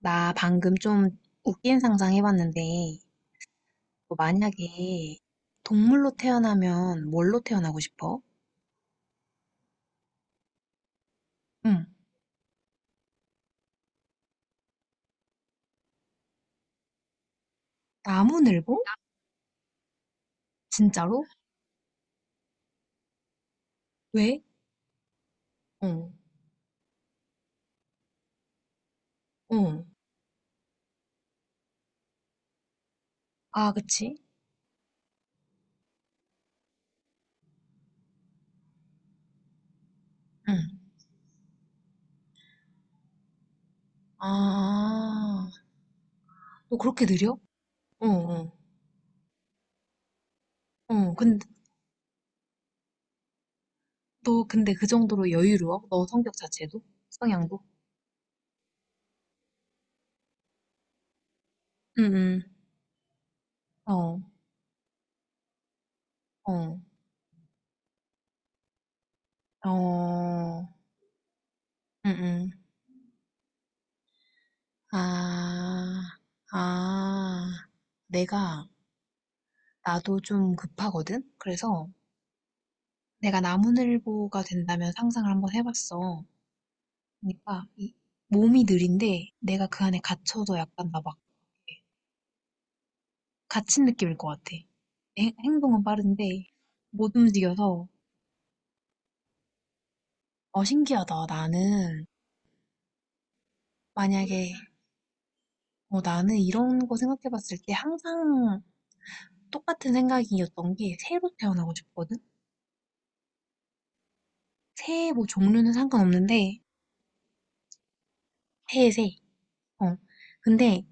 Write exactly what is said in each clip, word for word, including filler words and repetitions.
나 방금 좀 웃긴 상상 해봤는데, 너 만약에 동물로 태어나면 뭘로 태어나고 싶어? 응. 나무늘보? 진짜로? 왜? 어, 어. 아, 그치? 응. 아, 너 그렇게 느려? 어, 어, 어. 근데, 너 근데 그 정도로 여유로워? 너 성격 자체도? 성향도? 응, 응. 어, 어, 어. 응, 응. 아, 아. 내가 나도 좀 급하거든? 그래서 내가 나무늘보가 된다면 상상을 한번 해봤어. 그러니까 이 몸이 느린데 내가 그 안에 갇혀도 약간 나 막 갇힌 느낌일 것 같아. 행- 행동은 빠른데 못 움직여서 어 신기하다. 나는 만약에 어 나는 이런 거 생각해봤을 때 항상 똑같은 생각이었던 게 새로 태어나고 싶거든? 새 뭐 종류는 상관없는데 새새 어. 근데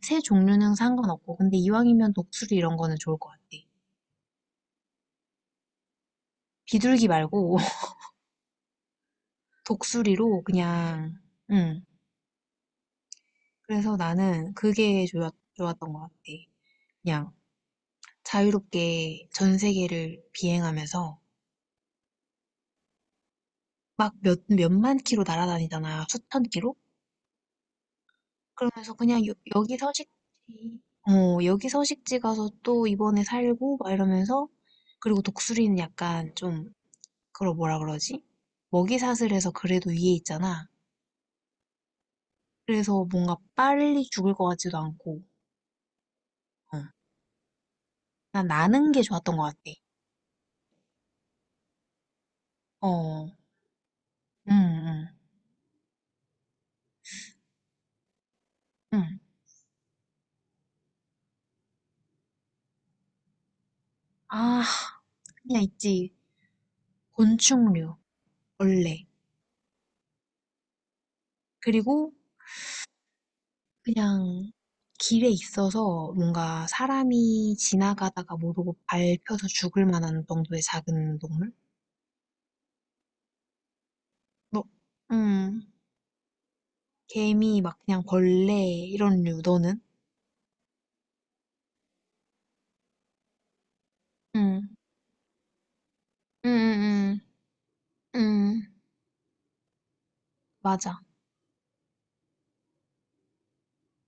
새 종류는 상관없고 근데 이왕이면 독수리 이런 거는 좋을 것 같아. 비둘기 말고 독수리로 그냥 응. 그래서 나는 그게 좋았, 좋았던 것 같아. 그냥 자유롭게 전 세계를 비행하면서 막 몇, 몇만 키로 날아다니잖아. 수천 키로? 그러면서 그냥 여, 여기 서식지, 어, 여기 서식지 가서 또 이번에 살고 막 이러면서 그리고 독수리는 약간 좀 그걸 뭐라 그러지? 먹이사슬 해서 그래도 위에 있잖아. 그래서 뭔가 빨리 죽을 것 같지도 않고, 어. 난 나는 게 좋았던 것 같아. 어, 응, 응, 응. 아, 그냥 있지. 곤충류, 벌레. 그리고 그냥 길에 있어서 뭔가 사람이 지나가다가 모르고 밟혀서 죽을 만한 정도의 작은 동물? 너, 음, 개미, 막 그냥 벌레, 이런 류, 너는? 응, 응, 응, 응. 응. 맞아.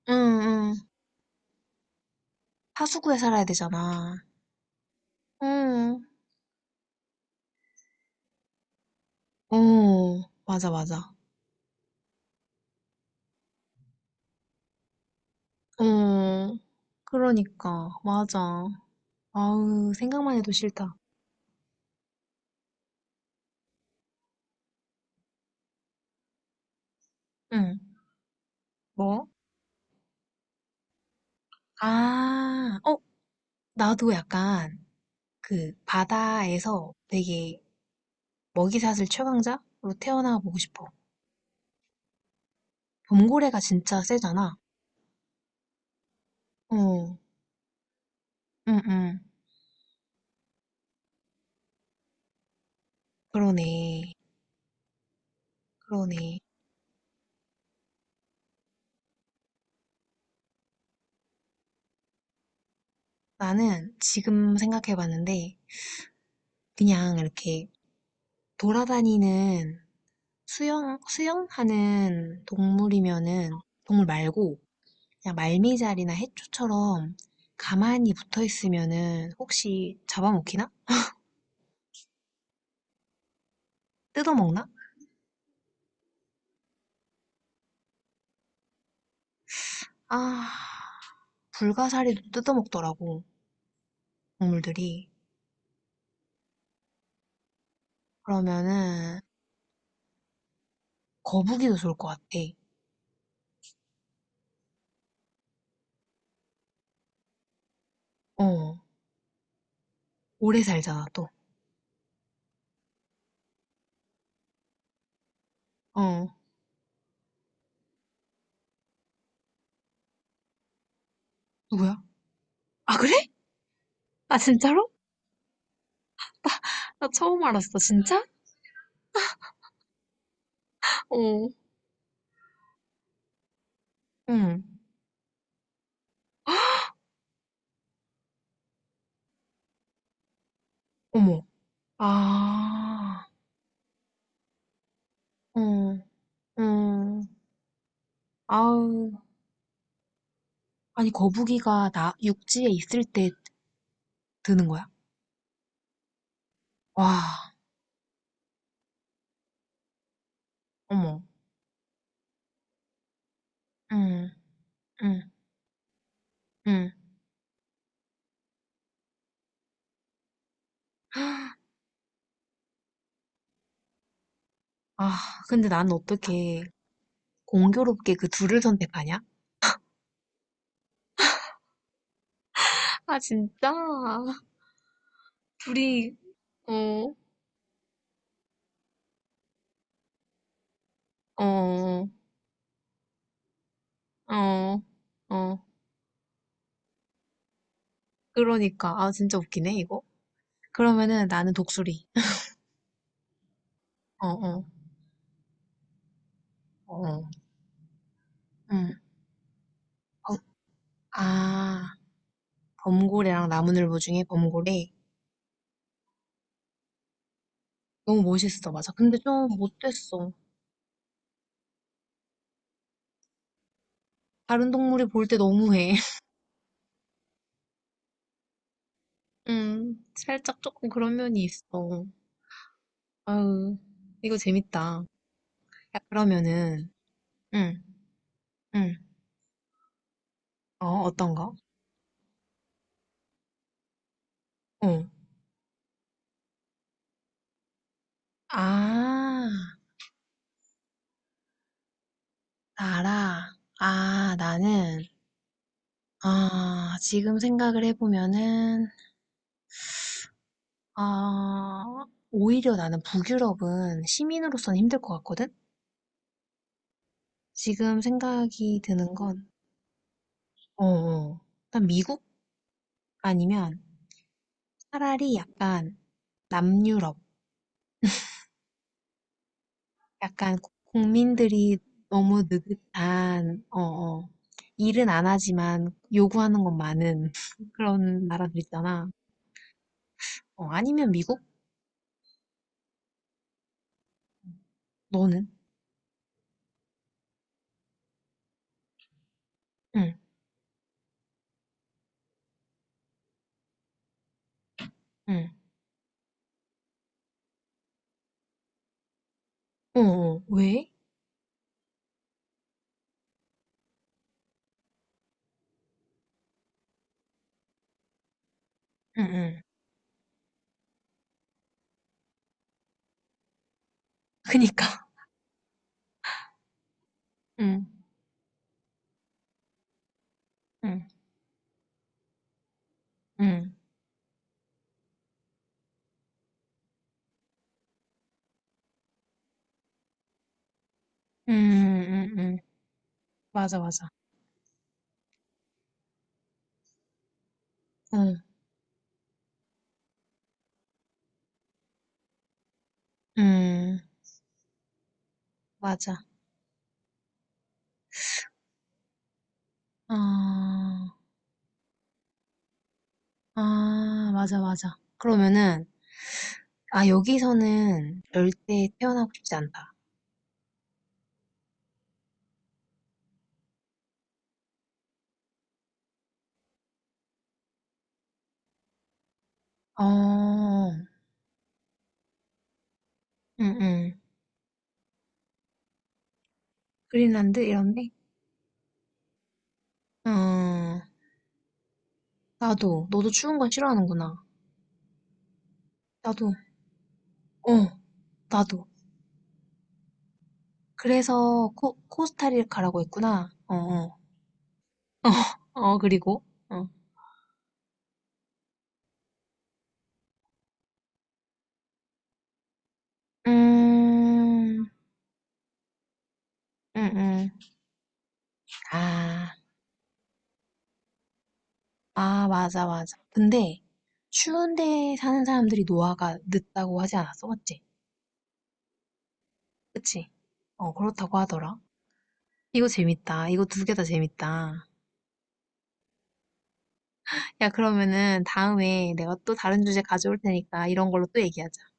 응, 응, 하수구에 살아야 되잖아. 응. 어, 맞아, 맞아. 응, 그러니까, 맞아. 아우, 생각만 해도 싫다. 응. 뭐? 아, 어, 나도 약간 그 바다에서 되게 먹이사슬 최강자로 태어나 보고 싶어. 범고래가 진짜 세잖아. 어, 응, 응. 그러네. 그러네. 나는 지금 생각해 봤는데, 그냥 이렇게 돌아다니는 수영 수영하는 동물이면은 동물 말고 그냥 말미잘이나 해초처럼 가만히 붙어 있으면은 혹시 잡아먹히나? 뜯어먹나? 아, 불가사리도 뜯어먹더라고 동물들이. 그러면은 거북이도 좋을 것 같아. 어, 오래 살잖아 또. 어, 누구야? 아 그래? 아 진짜로? 나 처음 알았어. 진짜? 어, 응. 어머. 아, 어. 음, 아우, 아니, 거북이가 나, 육지에 있을 때 드는 거야? 와, 어머, 음, 음, 음. 아, 근데 난 어떻게 공교롭게 그 둘을 선택하냐? 아, 진짜? 둘이, 어, 어, 어, 어. 그러니까, 아, 진짜 웃기네, 이거. 그러면은 나는 독수리. 어, 어, 어, 응 어, 아, 범고래랑 나무늘보 중에 범고래. 너무 멋있어, 맞아. 근데 좀 못됐어. 다른 동물이 볼 때 너무해. 음, 살짝 조금 그런 면이 있어. 아유, 이거 재밌다. 야, 그러면은, 응, 응. 어, 어떤 거? 어. 아, 나라. 아, 나는, 아, 지금 생각을 해보면은, 아, 오히려 나는 북유럽은 시민으로서는 힘들 것 같거든? 지금 생각이 드는 건, 어, 어. 일단 미국 아니면 차라리 약간 남유럽. 약간 고- 국민들이 너무 느긋한, 어, 어, 일은 안 하지만 요구하는 건 많은 그런 나라들 있잖아. 어, 아니면 미국? 너는? 응, 응. 어, 어, 왜? 응, 응. 그니까. 응, 응, 응. 응, 응, 응. 응. 맞아, 맞아. 응, 응. 맞아. 아, 아, 맞아, 맞아. 그러면은, 아, 여기서는 열대에 태어나고 싶지 않다. 어, 응응. 그린란드 이런 데? 어, 나도. 너도 추운 건 싫어하는구나. 나도. 어, 나도. 그래서 코, 코스타리카라고 했구나. 어, 어. 어, 어, 그리고? 어. 음, 응응. 아, 아, 맞아, 맞아. 근데 추운데 사는 사람들이 노화가 늦다고 하지 않았어? 맞지? 그치? 어, 그렇다고 하더라. 이거 재밌다. 이거 두 개 다 재밌다. 야, 그러면은 다음에 내가 또 다른 주제 가져올 테니까 이런 걸로 또 얘기하자.